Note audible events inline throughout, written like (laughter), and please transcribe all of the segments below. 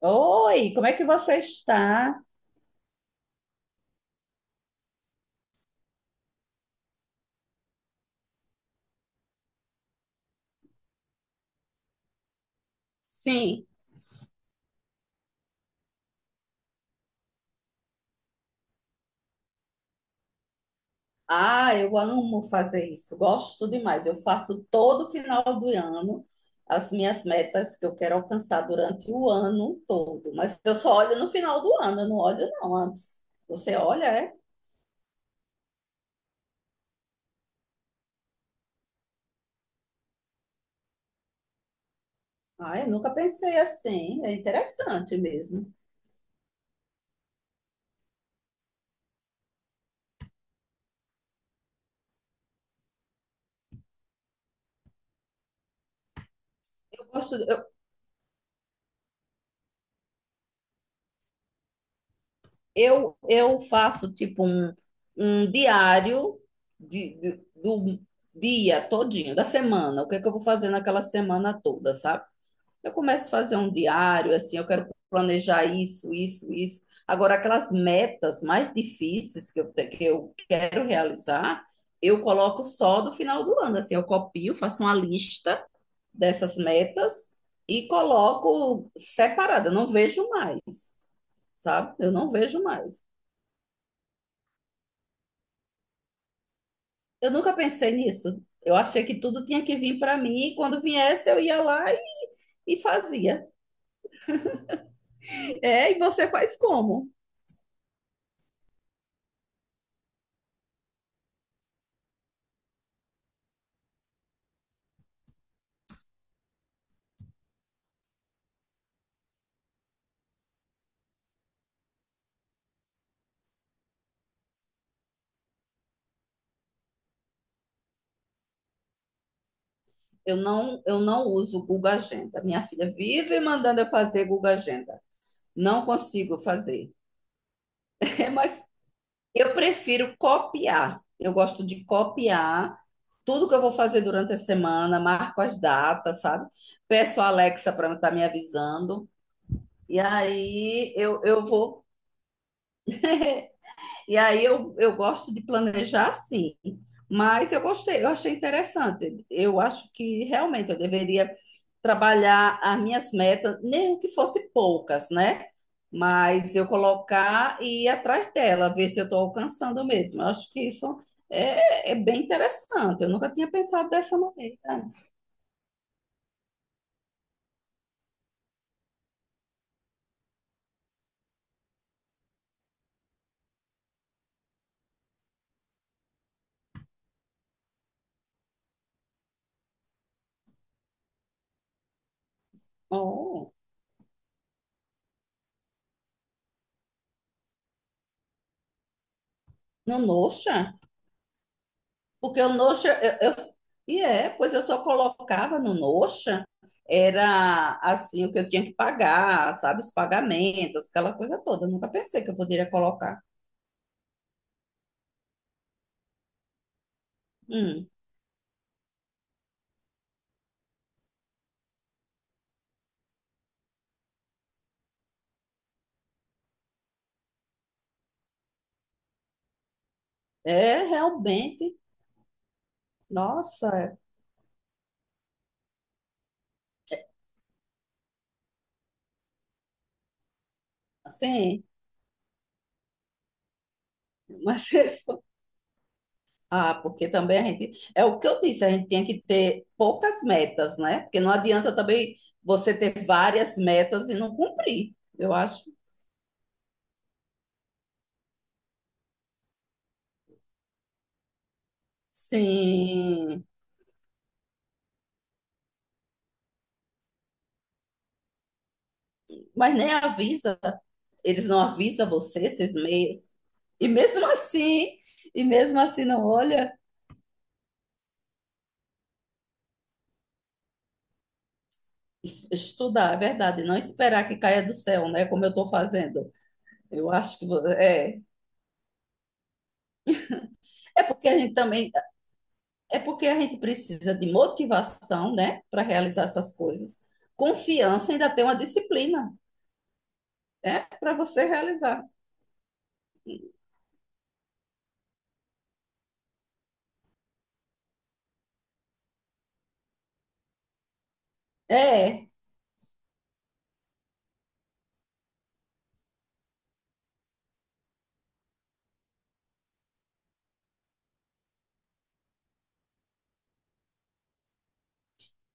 Oi, como é que você está? Sim. Ah, eu amo fazer isso, gosto demais. Eu faço todo final do ano as minhas metas que eu quero alcançar durante o ano todo, mas eu só olho no final do ano, eu não olho não antes. Você olha, é? Ah, eu nunca pensei assim, é interessante mesmo. Eu gosto. Eu, eu faço tipo um um diário do dia todinho, da semana, o que é que eu vou fazer naquela semana toda, sabe? Eu começo a fazer um diário, assim, eu quero planejar isso, isso, isso. Agora, aquelas metas mais difíceis que eu quero realizar, eu coloco só do final do ano, assim, eu copio, faço uma lista dessas metas e coloco separada, eu não vejo mais, sabe? Eu não vejo mais. Eu nunca pensei nisso. Eu achei que tudo tinha que vir para mim e quando viesse eu ia lá e fazia. É, e você faz como? Eu não uso Google Agenda. Minha filha vive mandando eu fazer Google Agenda. Não consigo fazer. (laughs) É, mas eu prefiro copiar. Eu gosto de copiar tudo que eu vou fazer durante a semana, marco as datas, sabe? Peço a Alexa para estar me avisando. E aí eu vou. E aí eu gosto de planejar sim, mas eu gostei, eu achei interessante. Eu acho que realmente eu deveria trabalhar as minhas metas, nem que fosse poucas, né? Mas eu colocar e ir atrás dela, ver se eu estou alcançando mesmo. Eu acho que isso é bem interessante. Eu nunca tinha pensado dessa maneira. Oh, no Notion? Porque o Notion, e é, pois eu só colocava no Notion, era assim o que eu tinha que pagar, sabe, os pagamentos, aquela coisa toda. Eu nunca pensei que eu poderia colocar. Hum, é realmente, nossa, assim, mas (laughs) ah, porque também a gente, é o que eu disse, a gente tinha que ter poucas metas, né? Porque não adianta também você ter várias metas e não cumprir. Eu acho. Sim, mas nem avisa. Eles não avisam você esses meios. E mesmo assim, e mesmo assim não olha. Estudar, é verdade, não esperar que caia do céu, né? Como eu estou fazendo. Eu acho que é. É porque a gente também, é porque a gente precisa de motivação, né, para realizar essas coisas. Confiança ainda tem uma disciplina, né, para você realizar. É.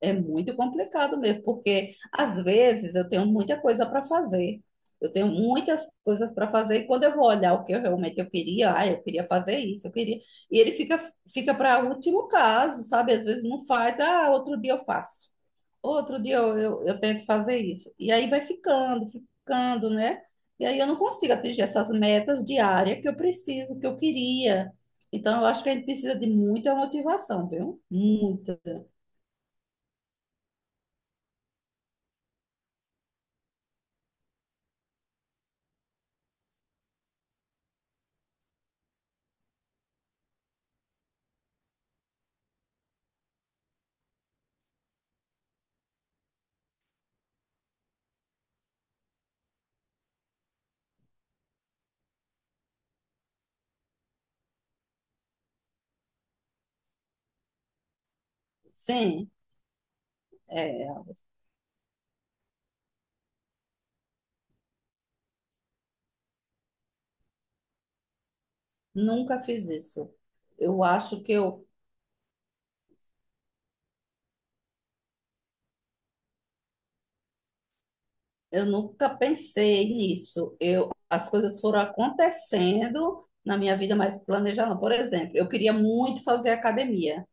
É muito complicado mesmo, porque às vezes eu tenho muita coisa para fazer. Eu tenho muitas coisas para fazer e quando eu vou olhar o que eu realmente eu queria, ah, eu queria fazer isso, eu queria. E ele fica fica para último caso, sabe? Às vezes não faz, ah, outro dia eu faço. Outro dia eu tento fazer isso. E aí vai ficando, ficando, né? E aí eu não consigo atingir essas metas diárias que eu preciso, que eu queria. Então eu acho que a gente precisa de muita motivação, viu? Muita. Sim. É, nunca fiz isso. Eu acho que eu, eu nunca pensei nisso. Eu, as coisas foram acontecendo na minha vida, mas planejar não. Por exemplo, eu queria muito fazer academia.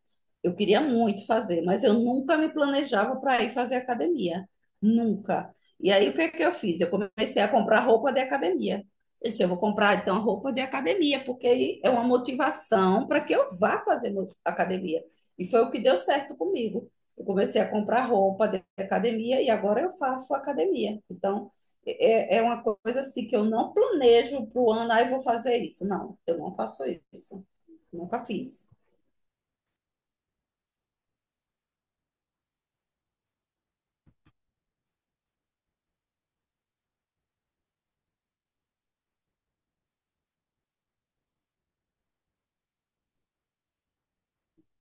Eu queria muito fazer, mas eu nunca me planejava para ir fazer academia. Nunca. E aí, o que é que eu fiz? Eu comecei a comprar roupa de academia. Eu disse, eu vou comprar, então, roupa de academia, porque aí é uma motivação para que eu vá fazer academia. E foi o que deu certo comigo. Eu comecei a comprar roupa de academia e agora eu faço academia. Então, é uma coisa assim que eu não planejo para o ano, aí vou fazer isso. Não, eu não faço isso. Nunca fiz.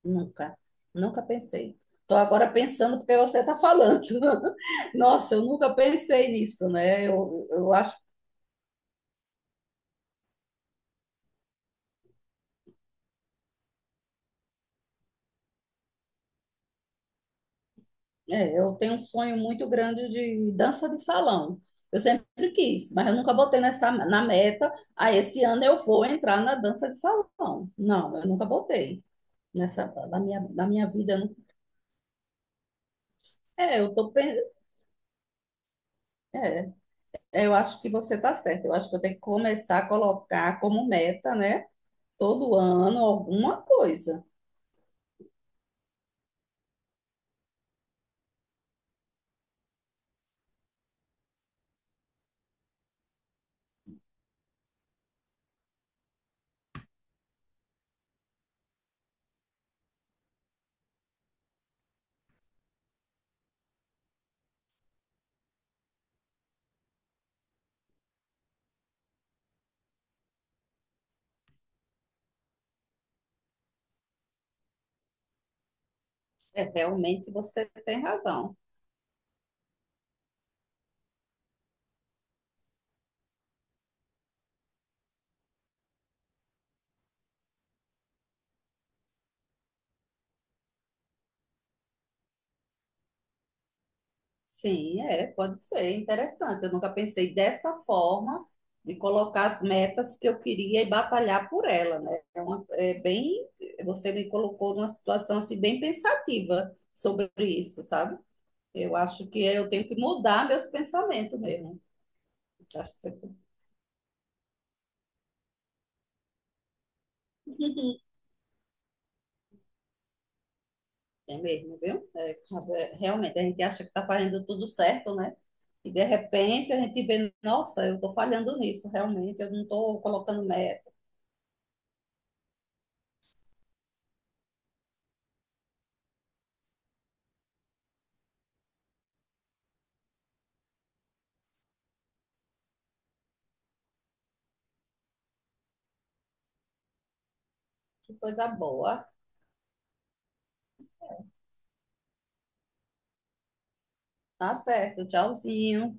Nunca, nunca pensei. Estou agora pensando porque você está falando. (laughs) Nossa, eu nunca pensei nisso, né? É, eu tenho um sonho muito grande de dança de salão. Eu sempre quis, mas eu nunca botei nessa, na meta. Ah, esse ano eu vou entrar na dança de salão. Não, eu nunca botei nessa, na minha vida. Eu nunca- É, é, eu acho que você está certo. Eu acho que eu tenho que começar a colocar como meta, né? Todo ano alguma coisa. É, realmente você tem razão. Sim, é, pode ser interessante. Eu nunca pensei dessa forma de colocar as metas que eu queria e batalhar por ela, né? É bem, você me colocou numa situação assim bem pensativa sobre isso, sabe? Eu acho que eu tenho que mudar meus pensamentos mesmo. Acho que- (laughs) É mesmo, viu? Realmente a gente acha que está fazendo tudo certo, né? E de repente a gente vê, nossa, eu estou falhando nisso, realmente, eu não estou colocando meta. Que coisa boa. Tá certo, tchauzinho.